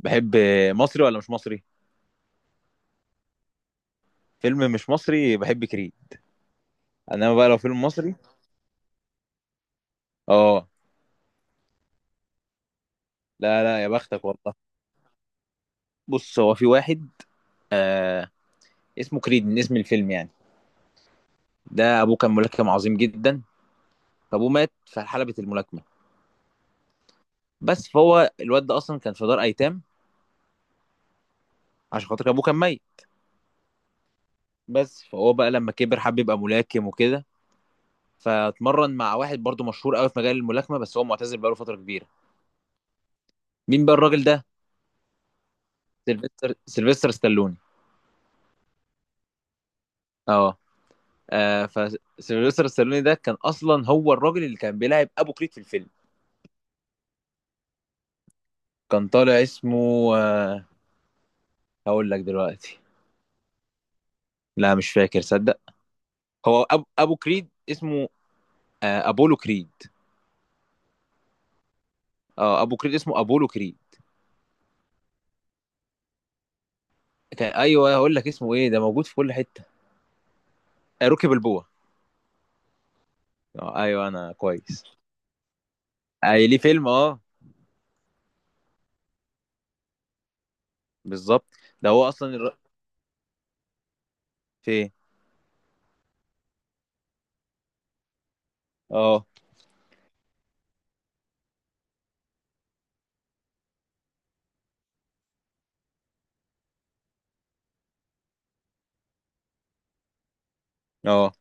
بحب. مصري ولا مش مصري؟ فيلم مش مصري بحب كريد. انما بقى لو فيلم مصري. اه. لا لا يا بختك والله. بص هو في واحد، آه اسمه كريد من اسم الفيلم يعني. ده ابوه كان ملاكم عظيم جدا، فابوه مات في حلبة الملاكمة. بس فهو الواد ده اصلا كان في دار ايتام عشان خاطر ابوه كان ميت. بس فهو بقى لما كبر حب يبقى ملاكم وكده، فاتمرن مع واحد برضه مشهور قوي في مجال الملاكمة، بس هو معتزل بقاله فترة كبيرة. مين بقى الراجل ده؟ سيلفستر ستالوني. اه. آه. فسيلفستر ستالوني ده كان اصلا هو الراجل اللي كان بيلعب ابو كريد في الفيلم. كان طالع اسمه، آه هقول لك دلوقتي. لا مش فاكر صدق. هو ابو كريد اسمه، آه، ابولو كريد. اه ابو كريد اسمه ابولو كريد. كان ايوه هقول لك اسمه ايه، ده موجود في كل حته. آه روكي بالبوع. اه ايوه انا كويس. آه ليه فيلم اه. بالظبط. ده هو اصلا في إيه؟ اه. اه.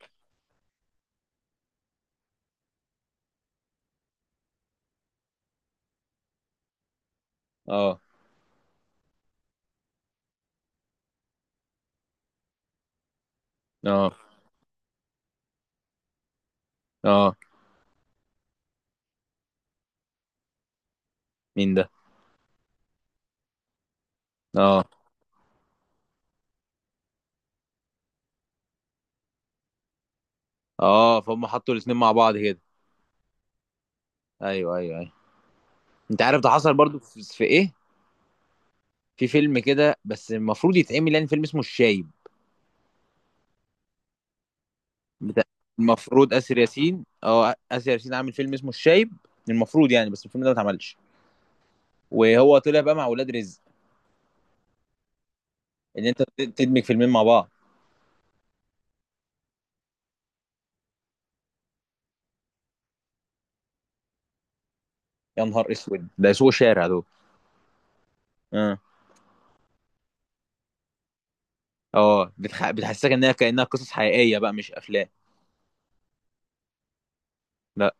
اه. اه. اه. مين ده؟ اه. اه. فهم حطوا الاثنين مع بعض كده. ايوه ايوه ايوه. انت عارف ده حصل برضو في ايه؟ في فيلم كده بس المفروض يتعمل، يعني فيلم اسمه الشايب. بتاع. المفروض آسر ياسين، اه آسر ياسين عامل فيلم اسمه الشايب. المفروض يعني، بس الفيلم ده ما اتعملش، وهو طلع بقى مع ولاد رزق. ان انت تدمج فيلمين مع بعض. يا نهار اسود، ده سوق شارع دول. اه. اه. بتحسسك انها كانها قصص حقيقيه بقى، مش افلام. لا.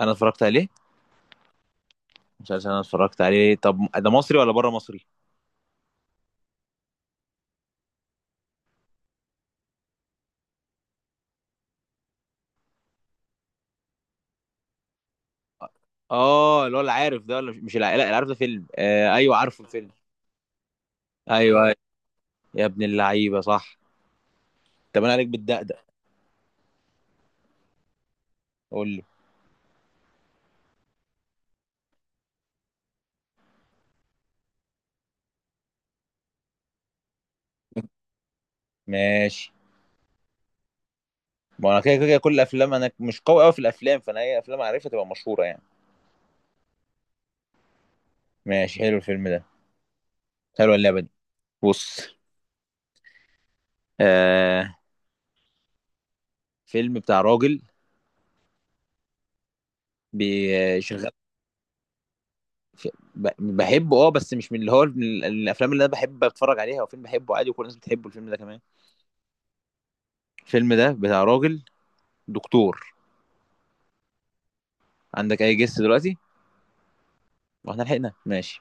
انا اتفرجت عليه. مش عارف، انا اتفرجت عليه. طب ده مصري ولا بره مصري؟ اه اللي هو العارف ده، ولا مش لا العارف ده فيلم، آه ايوه عارفه الفيلم. ايوه أيوة. يا ابن اللعيبه صح. طب انا عليك بالدقدق. قول له. ماشي. ما انا كده كده كل الافلام، انا مش قوي قوي في الافلام، فانا اي افلام عارفها تبقى مشهوره يعني. ماشي حلو الفيلم ده، حلوه اللعبه دي. بص، آه، فيلم بتاع راجل بيشغل. بحبه اه، بس مش من اللي هو من الافلام اللي انا بحب اتفرج عليها، وفيلم بحبه عادي وكل الناس بتحبه الفيلم ده كمان. الفيلم ده بتاع راجل دكتور. عندك اي جس دلوقتي؟ واحنا لحقنا ماشي.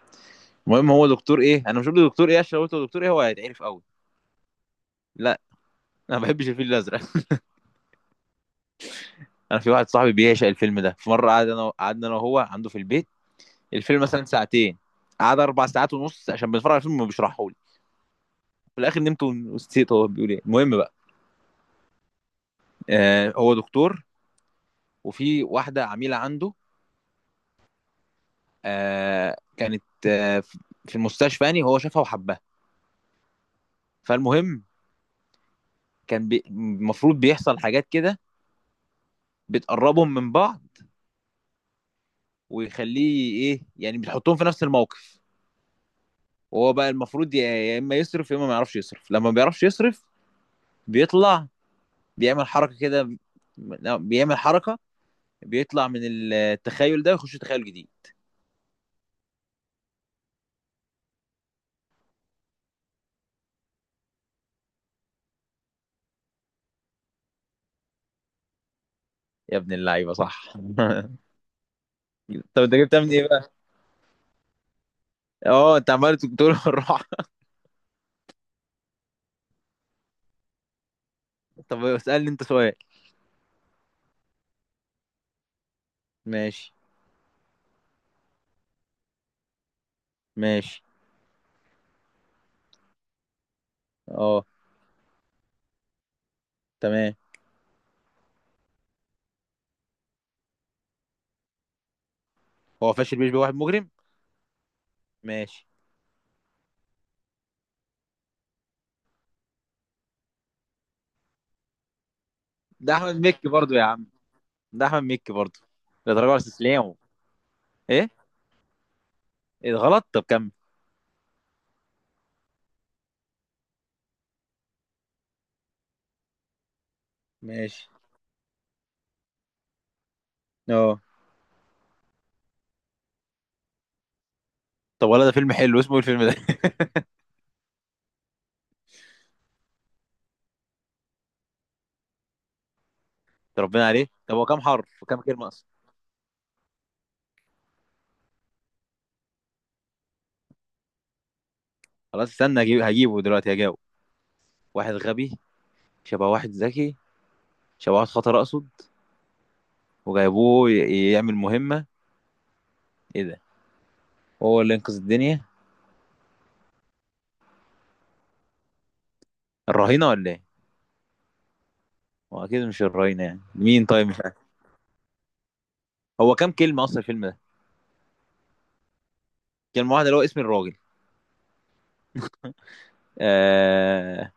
المهم هو دكتور ايه، انا مش قلت دكتور ايه عشان لو قلت له دكتور ايه هو هيتعرف قوي. لا. انا ما بحبش الفيل الازرق. انا في واحد صاحبي بيعشق الفيلم ده، في مره قعد انا قعدنا انا وهو عنده في البيت. الفيلم مثلا 2 ساعات، قعد 4 ساعات ونص عشان بنتفرج على الفيلم وبيشرحه لي. في الاخر نمت ونسيت هو بيقول ايه، المهم بقى، آه هو دكتور، وفي واحده عميله عنده، آه كانت، آه، في المستشفى يعني، هو شافها وحبها. فالمهم، كان المفروض بيحصل حاجات كده بتقربهم من بعض، ويخليه ايه يعني، بتحطهم في نفس الموقف. وهو بقى المفروض يا اما يصرف يا اما ما يعرفش يصرف. لما ما بيعرفش يصرف بيطلع، بيعمل حركه كده، لا، بيعمل حركه، بيطلع من التخيل ده ويخش تخيل جديد. يا ابن اللعيبه صح. طب انت جبتها من ايه بقى؟ اه انت عمال تقول الراحه. طب اسالني انت سؤال. ماشي. ماشي. اه. تمام. هو فاشل بيشبه واحد مجرم؟ ماشي. ده احمد مكي برضو يا عم. ده احمد مكي برضو. لا تراجع ولا استسلام. ايه؟ ايه ده غلط، طب كمل. ماشي. اه. طب ولا ده فيلم حلو، اسمه ايه الفيلم ده؟ ربنا عليه، طب هو كام حرف وكام كلمه اصلا؟ خلاص استنى اجيب، هجيبه دلوقتي هجاوب. واحد غبي شبه واحد ذكي، شبه واحد خطر اقصد، وجايبوه يعمل مهمة. ايه ده. هو اللي ينقذ الدنيا. الرهينة ولا ايه؟ هو اكيد مش الرهينة، يعني مين طيب؟ مش عارف. هو كام كلمة اصلا الفيلم ده؟ كلمة واحدة اللي هو اسم الراجل. آه...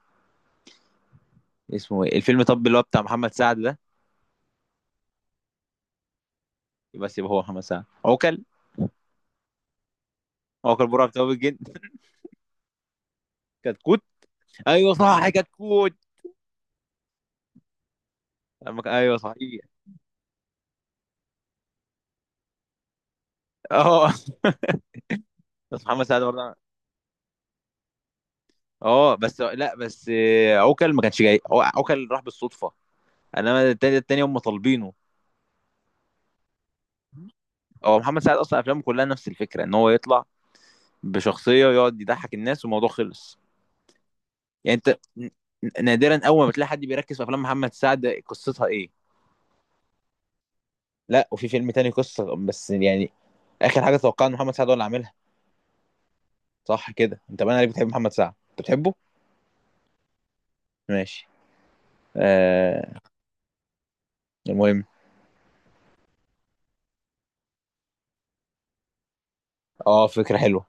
اسمه ايه الفيلم؟ طب اللي هو بتاع محمد سعد ده؟ بس يبقى سيبه، هو محمد سعد عوكل؟ عوكل برعب بتاع الجن. كتكوت. ايوه صح كتكوت. ايوه صحيح. اه. بس محمد سعد برضه. اه بس لا بس، آه، عوكل ما كانش جاي، هو عوكل راح بالصدفه، انما التاني هم طالبينه. هو محمد سعد اصلا افلامه كلها نفس الفكره، ان هو يطلع بشخصيه ويقعد يضحك الناس والموضوع خلص. يعني انت نادرا اول ما تلاقي حد بيركز في افلام محمد سعد قصتها ايه. لا وفي فيلم تاني قصه بس يعني. اخر حاجه اتوقع ان محمد سعد هو اللي عاملها. صح كده انت بقى، عليك بتحب محمد سعد، انت بتحبه؟ ماشي. آه. المهم. اه فكره حلوه،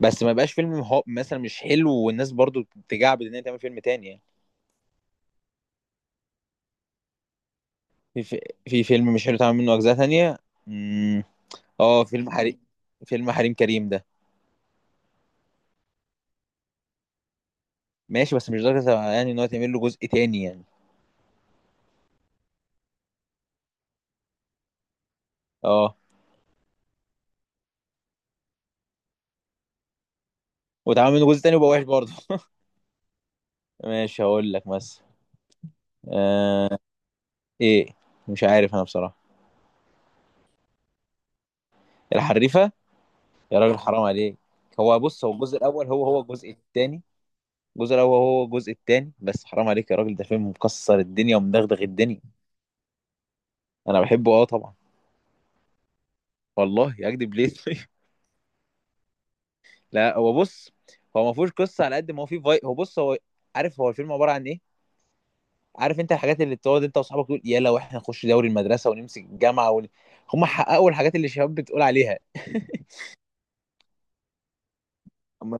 بس ما يبقاش فيلم هو مثلا مش حلو، والناس برضو تجعبد ان هي تعمل فيلم تاني يعني. في في فيلم مش حلو اتعمل منه اجزاء تانية. امم. اه فيلم حريم، فيلم حريم كريم ده. ماشي بس مش درجة يعني ان هو يتعمل له جزء تاني يعني. اه واتعمل منه جزء تاني وبقى وحش برضه. ماشي هقول لك بس. آه. ايه؟ مش عارف انا بصراحة. الحريفة؟ يا راجل حرام عليك. هو بص، هو الجزء الاول هو هو الجزء التاني. الجزء الاول هو هو الجزء التاني، بس حرام عليك يا راجل، ده فيلم مكسر الدنيا ومدغدغ الدنيا. انا بحبه اه طبعا. والله اكدب ليه؟ طيب؟ لا هو بص، هو ما فيهوش قصه على قد ما هو فيه، في هو بص هو. عارف هو الفيلم عباره عن ايه؟ عارف انت الحاجات اللي بتقعد انت واصحابك تقول يلا واحنا نخش دوري المدرسه ونمسك الجامعه ون... هم حققوا الحاجات اللي الشباب بتقول عليها. أما.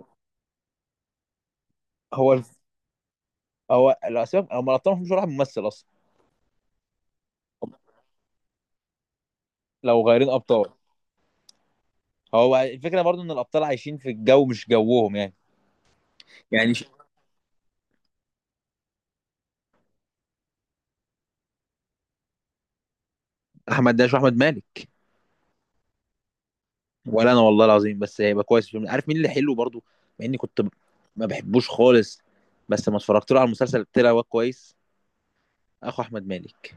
هو الف... هو الاسباب هم الابطال، مش واحد ممثل اصلا. لو غيرين ابطال. هو الفكره برضو ان الابطال عايشين في الجو مش جوهم يعني. يعني احمد داش واحمد مالك. ولا انا والله العظيم، بس هيبقى كويس، في عارف مين اللي حلو برضو، مع اني كنت ما بحبوش خالص، بس لما اتفرجت له على المسلسل طلع هو كويس. اخو احمد مالك.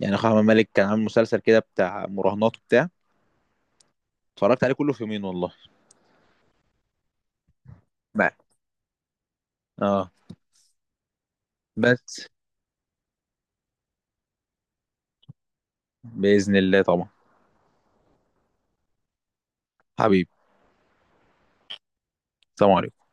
يعني اخو احمد مالك كان عامل مسلسل كده بتاع مراهنات وبتاع، اتفرجت عليه كله في 2 ايام والله. بقى. اه بس باذن الله طبعا. حبيبي. سلام عليكم.